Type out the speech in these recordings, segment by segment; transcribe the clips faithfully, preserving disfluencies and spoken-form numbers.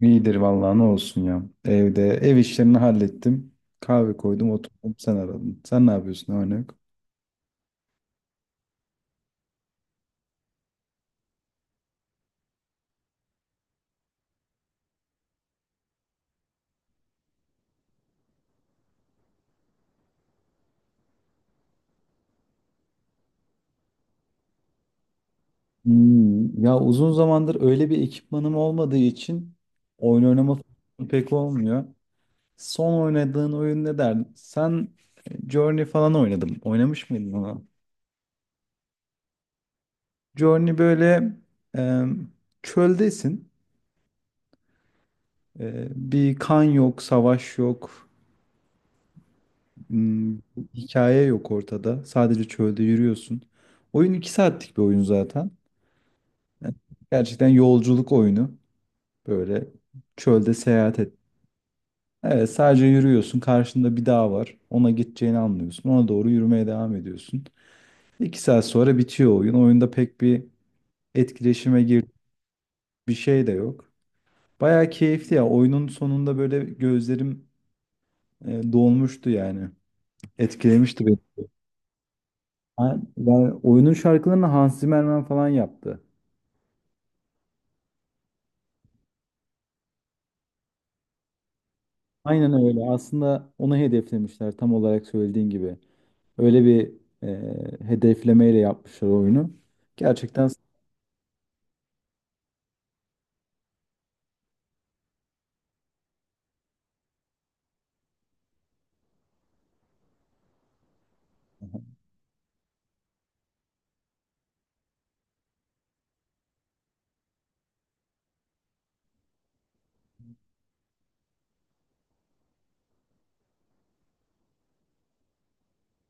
İyidir vallahi ne olsun ya. Evde ev işlerini hallettim. Kahve koydum oturdum sen aradın. Sen ne yapıyorsun ne var ne yok? Hmm, ya uzun zamandır öyle bir ekipmanım olmadığı için oyun oynama fırsatım pek olmuyor. Son oynadığın oyun ne derdin? Sen e, Journey falan oynadım. Oynamış mıydın ona? Journey böyle e, çöldesin. E, bir kan yok, savaş yok. Hmm, Hikaye yok ortada. Sadece çölde yürüyorsun. Oyun iki saatlik bir oyun zaten. Yani gerçekten yolculuk oyunu. Böyle çölde seyahat et. Evet, sadece yürüyorsun. Karşında bir dağ var. Ona gideceğini anlıyorsun. Ona doğru yürümeye devam ediyorsun. İki saat sonra bitiyor oyun. Oyunda pek bir etkileşime gir bir şey de yok. Bayağı keyifli ya. Oyunun sonunda böyle gözlerim e, dolmuştu yani. Etkilemişti beni. Ben, ben oyunun şarkılarını Hans Zimmerman falan yaptı. Aynen öyle. Aslında onu hedeflemişler tam olarak söylediğin gibi. Öyle bir e, hedeflemeyle yapmışlar oyunu. Gerçekten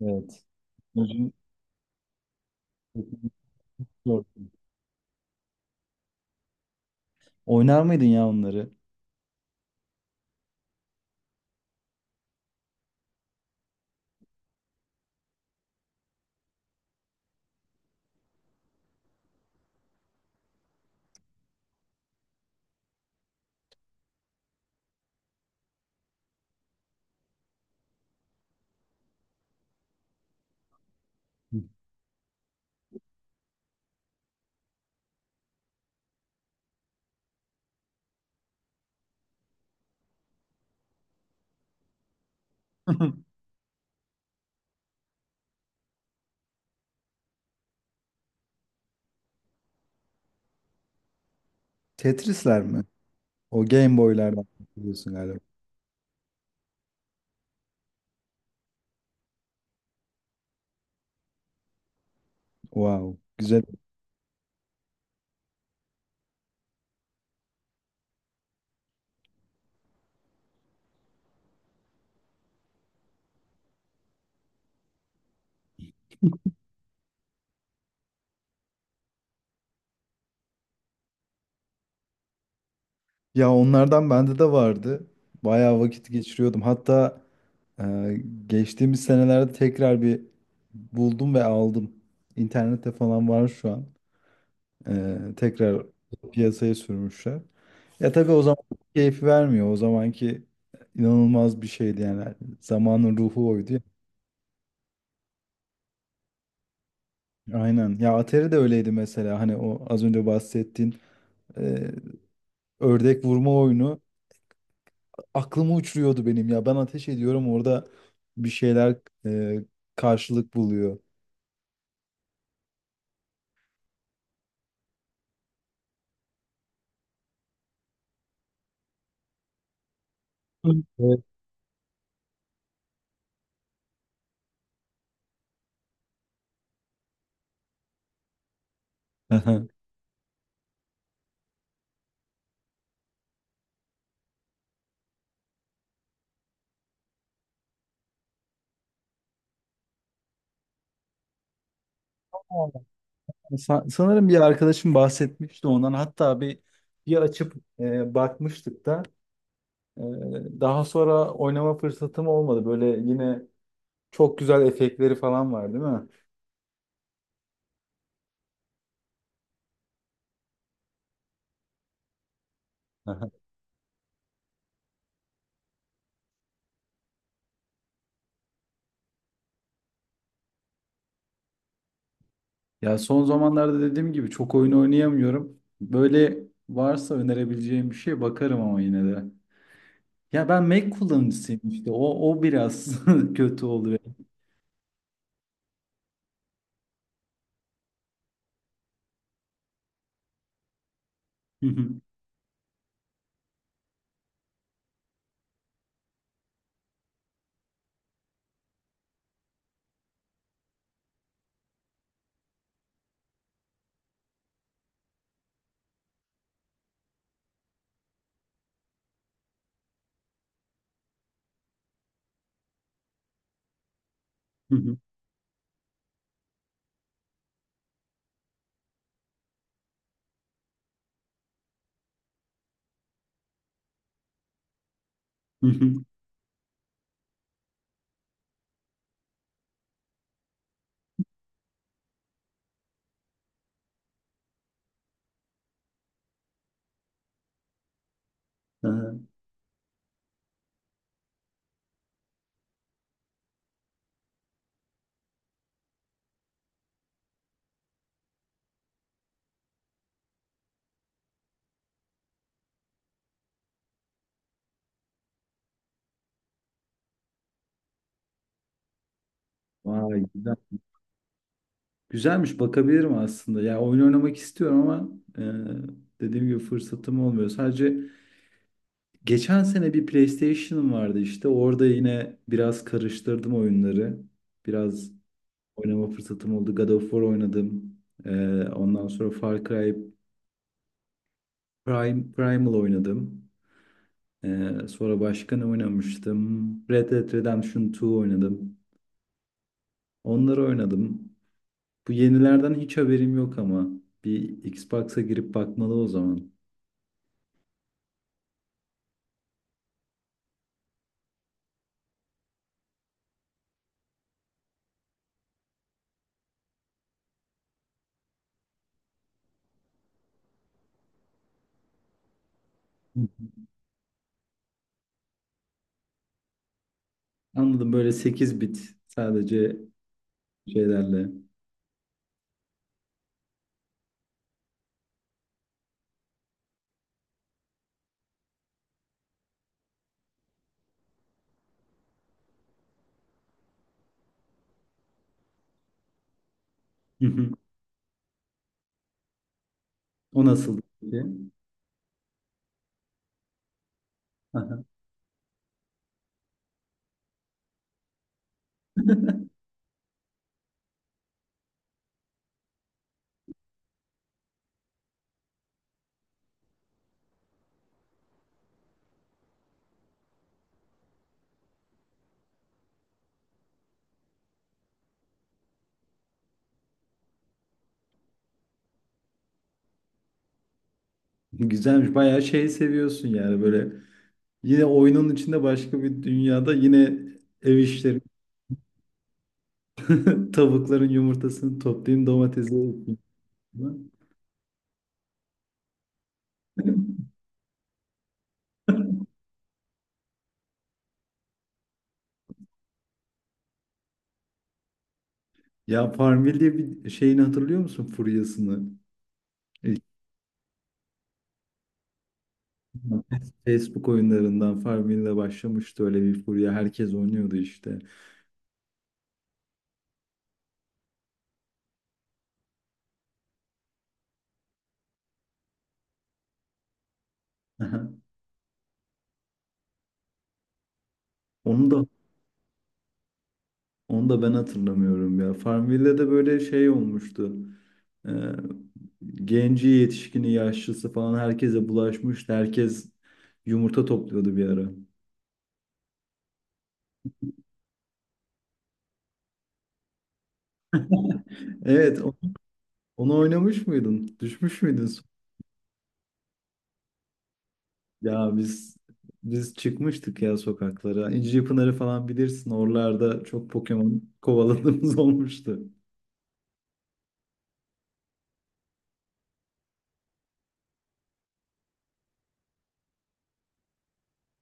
evet. Özün- Oynar mıydın ya onları? Tetris'ler mi? O Game Boy'lardan biliyorsun galiba. Wow, güzel. Ya onlardan bende de vardı. Bayağı vakit geçiriyordum. Hatta e, geçtiğimiz senelerde tekrar bir buldum ve aldım. İnternette falan var şu an. Ee, tekrar piyasaya sürmüşler. Ya tabii o zaman keyif vermiyor. O zamanki inanılmaz bir şeydi yani. Zamanın ruhu oydu ya. Aynen. Ya Atari de öyleydi mesela. Hani o az önce bahsettiğin e, ördek vurma oyunu aklımı uçuruyordu benim ya. Ben ateş ediyorum orada bir şeyler e, karşılık buluyor. Hı. Evet. Aha. Sa- Sanırım bir arkadaşım bahsetmişti ondan. Hatta bir bir açıp e, bakmıştık da. Ee, Daha sonra oynama fırsatım olmadı. Böyle yine çok güzel efektleri falan var, değil mi? Aha. Ya son zamanlarda dediğim gibi çok oyun oynayamıyorum. Böyle varsa önerebileceğim bir şey bakarım ama yine de. Ya ben Mac kullanıcısıyım işte. O, o biraz kötü oluyor. Aha. Vay güzel. Güzelmiş bakabilirim aslında. Ya oyun oynamak istiyorum ama e, dediğim gibi fırsatım olmuyor. Sadece geçen sene bir PlayStation'ım vardı işte. Orada yine biraz karıştırdım oyunları. Biraz oynama fırsatım oldu. God of War oynadım. Ee, ondan sonra Far Cry Prime, Primal oynadım. Ee, sonra başka ne oynamıştım? Red Dead Redemption iki oynadım. Onları oynadım. Bu yenilerden hiç haberim yok ama. Bir Xbox'a girip bakmalı o zaman. Hı. Anladım böyle sekiz bit sadece şeylerle. Hı hı. O nasıl? Güzelmiş. Bayağı şey seviyorsun yani böyle. Yine oyunun içinde başka bir dünyada yine ev işleri. Tavukların yumurtasını toplayayım, domatesi ekeyim. Ya Farmville diye bir şeyini hatırlıyor musun? Furyasını. İlk Facebook oyunlarından Farmville'le başlamıştı öyle bir furya. Herkes oynuyordu işte. Onu da onu da ben hatırlamıyorum ya. Farmville'de de böyle şey olmuştu. Ee, Genci, yetişkini, yaşlısı falan herkese bulaşmıştı. Herkes yumurta topluyordu bir ara. Evet, o- onu oynamış mıydın? Düşmüş müydün? so- Ya biz biz çıkmıştık ya sokaklara. İncipınarı falan bilirsin. Oralarda çok Pokemon kovaladığımız olmuştu.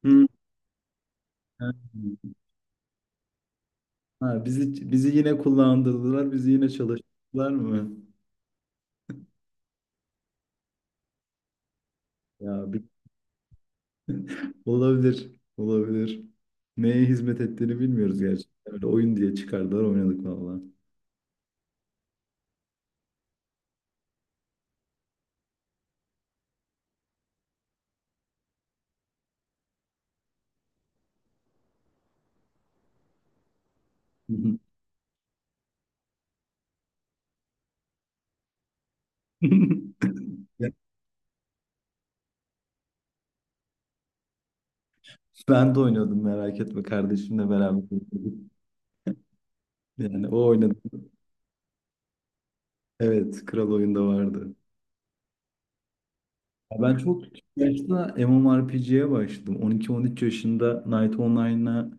Hı. Ha, bizi bizi yine kullandırdılar. Bizi yine çalıştırdılar mı? Ya olabilir. Olabilir. Neye hizmet ettiğini bilmiyoruz gerçekten. Öyle oyun diye çıkardılar oynadık valla. Ya, ben de oynuyordum merak etme, kardeşimle beraber oynuyorduk. Yani o oynadı. Evet, Kral Oyun'da vardı. Ya ben çok küçük yaşta M M O R P G'ye başladım. on iki on üç yaşında Knight Online'a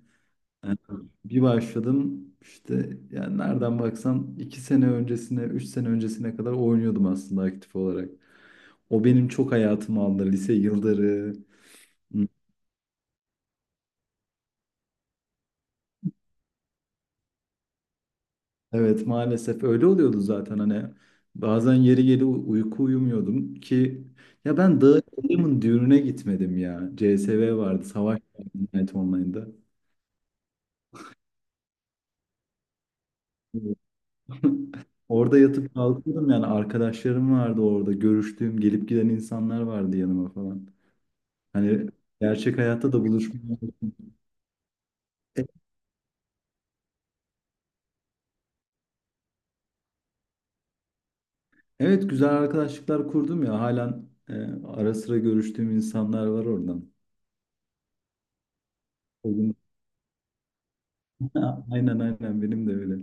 yani bir başladım. İşte yani nereden baksan iki sene öncesine, üç sene öncesine kadar oynuyordum aslında aktif olarak. O benim çok hayatımı aldı. Lise yılları. Evet, maalesef öyle oluyordu zaten hani. Bazen yeri geli u- uyku uyumuyordum ki ya ben Dağın düğününe gitmedim ya. C S V vardı. Savaş vardı Night Online'da. Orada yatıp kalkıyordum yani arkadaşlarım vardı orada. Görüştüğüm, gelip giden insanlar vardı yanıma falan. Hani gerçek hayatta da buluşmuyor. E- Evet, güzel arkadaşlıklar kurdum ya. Halen e, ara sıra görüştüğüm insanlar var oradan. Ha, aynen aynen benim de öyle.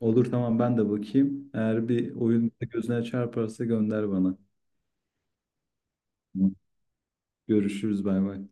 Olur, tamam, ben de bakayım. Eğer bir oyun gözüne çarparsa gönder bana. Tamam. Görüşürüz, bay bay.